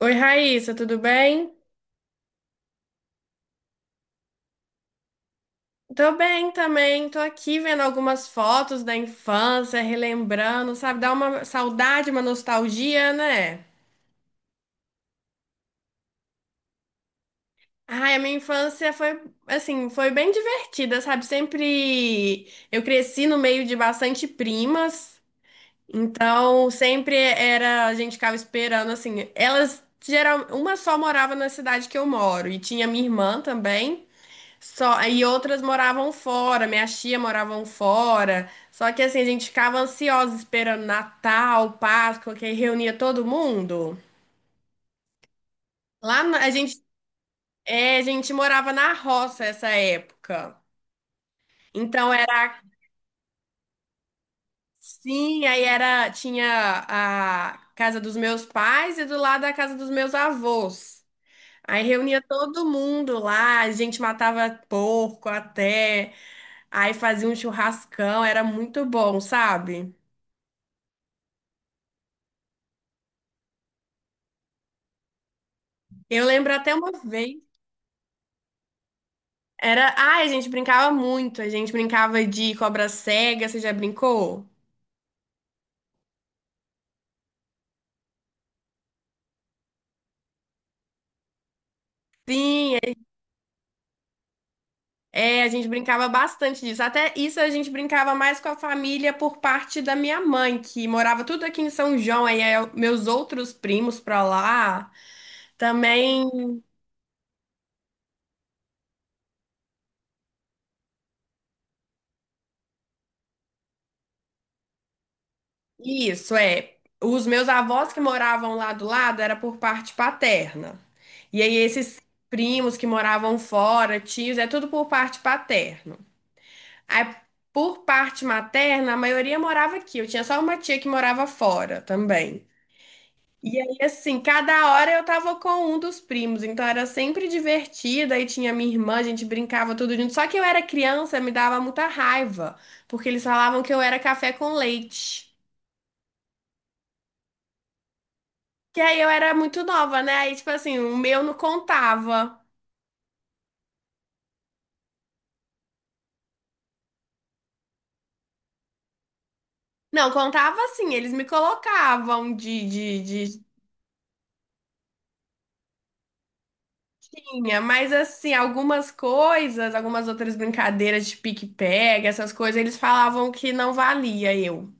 Oi, Raíssa, tudo bem? Tô bem também, tô aqui vendo algumas fotos da infância, relembrando, sabe? Dá uma saudade, uma nostalgia, né? Ai, a minha infância foi, assim, foi bem divertida, sabe? Sempre eu cresci no meio de bastante primas, então sempre era, a gente ficava esperando, assim, elas geral, uma só morava na cidade que eu moro e tinha minha irmã também. Só, aí outras moravam fora, minha tia moravam fora. Só que assim, a gente ficava ansiosa esperando Natal, Páscoa, que aí reunia todo mundo. A gente, é, a gente morava na roça essa época. Então era assim, aí era tinha a casa dos meus pais e do lado a casa dos meus avós. Aí reunia todo mundo lá, a gente matava porco até, aí fazia um churrascão, era muito bom, sabe? Eu lembro até uma vez. Era. Ai, a gente brincava muito. A gente brincava de cobra cega. Você já brincou? Sim, é, a gente brincava bastante disso. Até isso a gente brincava mais com a família por parte da minha mãe, que morava tudo aqui em São João. Meus outros primos pra lá também. Isso, é. Os meus avós que moravam lá do lado era por parte paterna. E aí esses primos que moravam fora, tios, é tudo por parte paterna. Aí, por parte materna, a maioria morava aqui. Eu tinha só uma tia que morava fora também. E aí, assim, cada hora eu tava com um dos primos, então era sempre divertida. E tinha minha irmã, a gente brincava tudo junto. Só que eu era criança, me dava muita raiva, porque eles falavam que eu era café com leite. Que aí eu era muito nova, né? Aí, tipo assim, o meu não contava. Não, contava assim, eles me colocavam de tinha, mas assim, algumas coisas, algumas outras brincadeiras de pique-pega, essas coisas, eles falavam que não valia eu.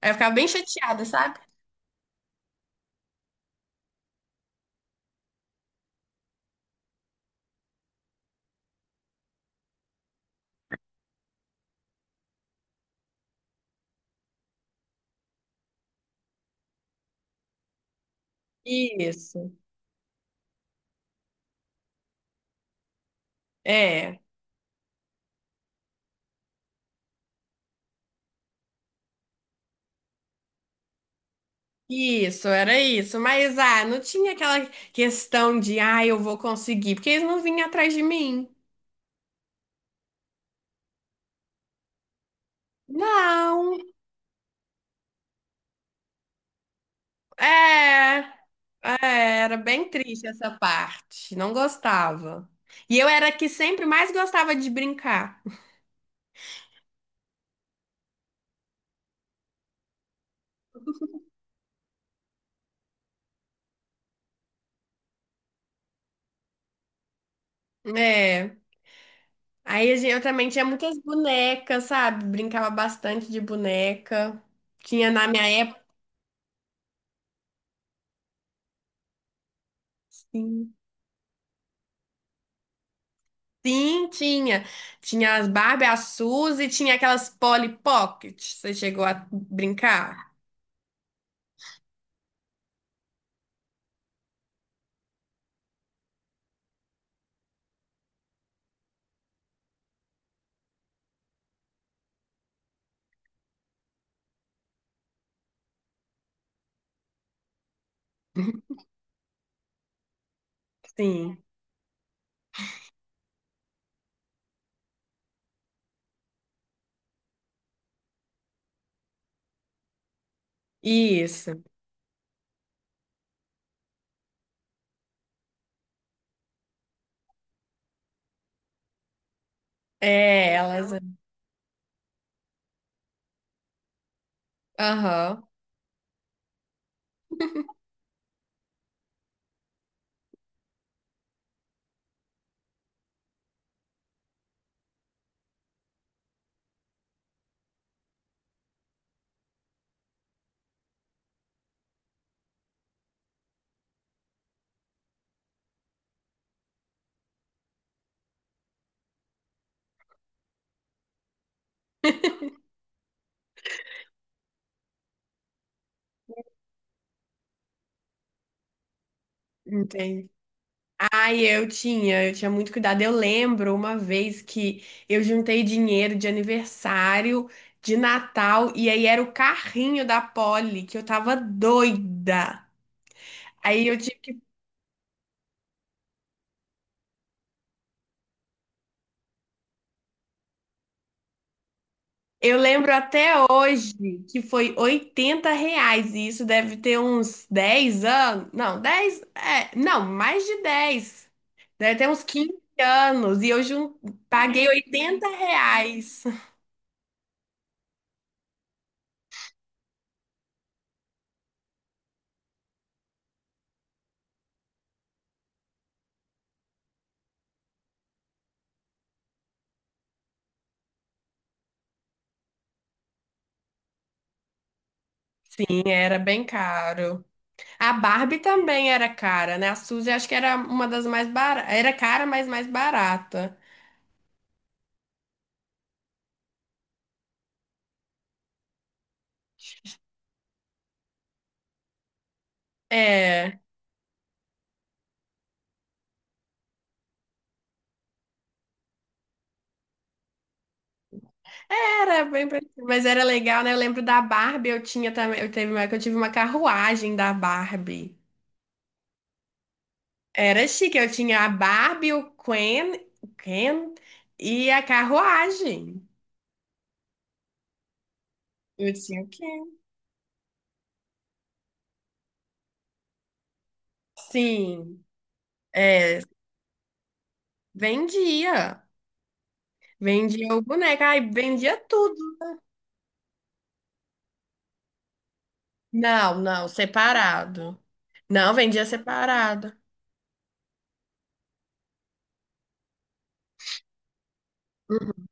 Aí eu ficava bem chateada, sabe? Isso. É. Isso, era isso. Mas ah, não tinha aquela questão de ah, eu vou conseguir, porque eles não vinham atrás de mim. Não. É, era bem triste essa parte. Não gostava. E eu era a que sempre mais gostava de brincar. É. Eu também tinha muitas bonecas, sabe? Brincava bastante de boneca. Tinha na minha época, sim. Sim, tinha. Tinha as Barbie, a Suzy, tinha aquelas Polly Pocket. Você chegou a brincar? Sim. Isso. É, elas. Aham. Entendi. Ai, eu tinha muito cuidado. Eu lembro uma vez que eu juntei dinheiro de aniversário, de Natal, e aí era o carrinho da Polly, que eu tava doida. Aí eu tive que... Eu lembro até hoje que foi R$ 80, e isso deve ter uns 10 anos. Não, 10, é, não, mais de 10, deve ter uns 15 anos, e eu jun... paguei R$ 80. Sim, era bem caro. A Barbie também era cara, né? A Suzy acho que era uma das mais baratas. Era cara, mas mais barata. É. Era bem parecido, mas era legal, né? Eu lembro da Barbie, eu tinha também, eu tive uma carruagem da Barbie. Era chique, eu tinha a Barbie, o Ken, o Ken e a carruagem. Eu tinha o Ken. Sim, é, vendia. Vendia o boneco, ai, vendia tudo. Não, não, separado. Não, vendia separado. Uhum.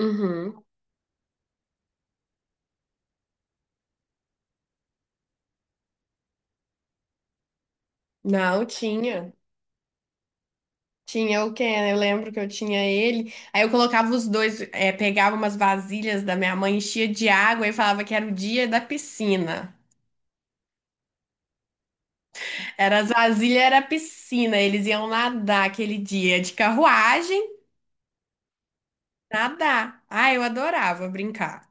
Uhum. Não, tinha. Tinha o Ken, eu lembro que eu tinha ele. Aí eu colocava os dois, é pegava umas vasilhas da minha mãe, enchia de água e falava que era o dia da piscina. Era as vasilhas, era a piscina. Eles iam nadar aquele dia de carruagem, nadar. Ah, eu adorava brincar.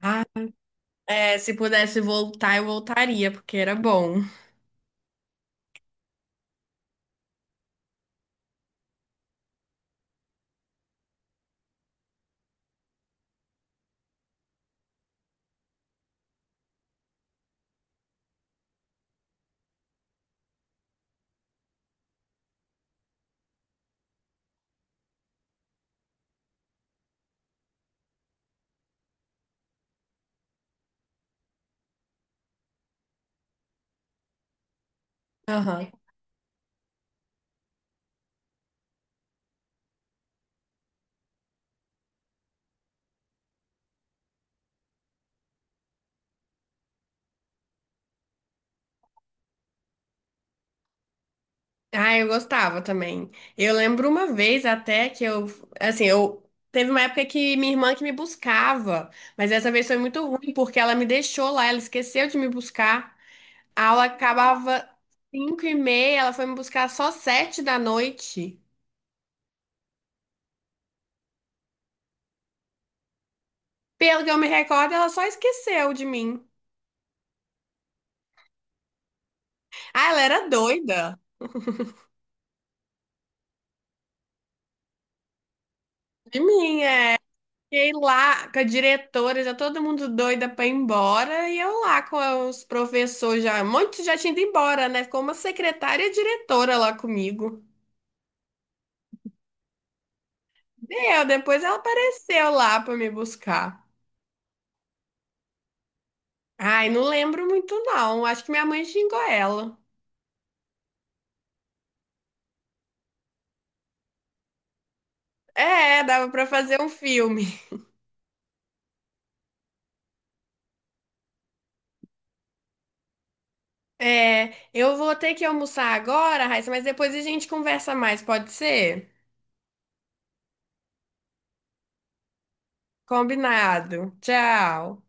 Ah, se pudesse voltar, eu voltaria, porque era bom. Aham. Ah, eu gostava também. Eu lembro uma vez até que eu, assim, eu Teve uma época que minha irmã que me buscava, mas essa vez foi muito ruim porque ela me deixou lá, ela esqueceu de me buscar. A aula acabava 5h30, ela foi me buscar só 7 da noite. Pelo que eu me recordo, ela só esqueceu de mim. Ah, ela era doida de mim. Fiquei lá com a diretora, já todo mundo doida pra ir embora, e eu lá com os professores já, muitos já tinha ido embora, né? Ficou uma secretária e diretora lá comigo. Deu, depois ela apareceu lá pra me buscar. Ai, não lembro muito não, acho que minha mãe xingou ela. É, dava pra fazer um filme. É, eu vou ter que almoçar agora, Raíssa, mas depois a gente conversa mais, pode ser? Combinado. Tchau.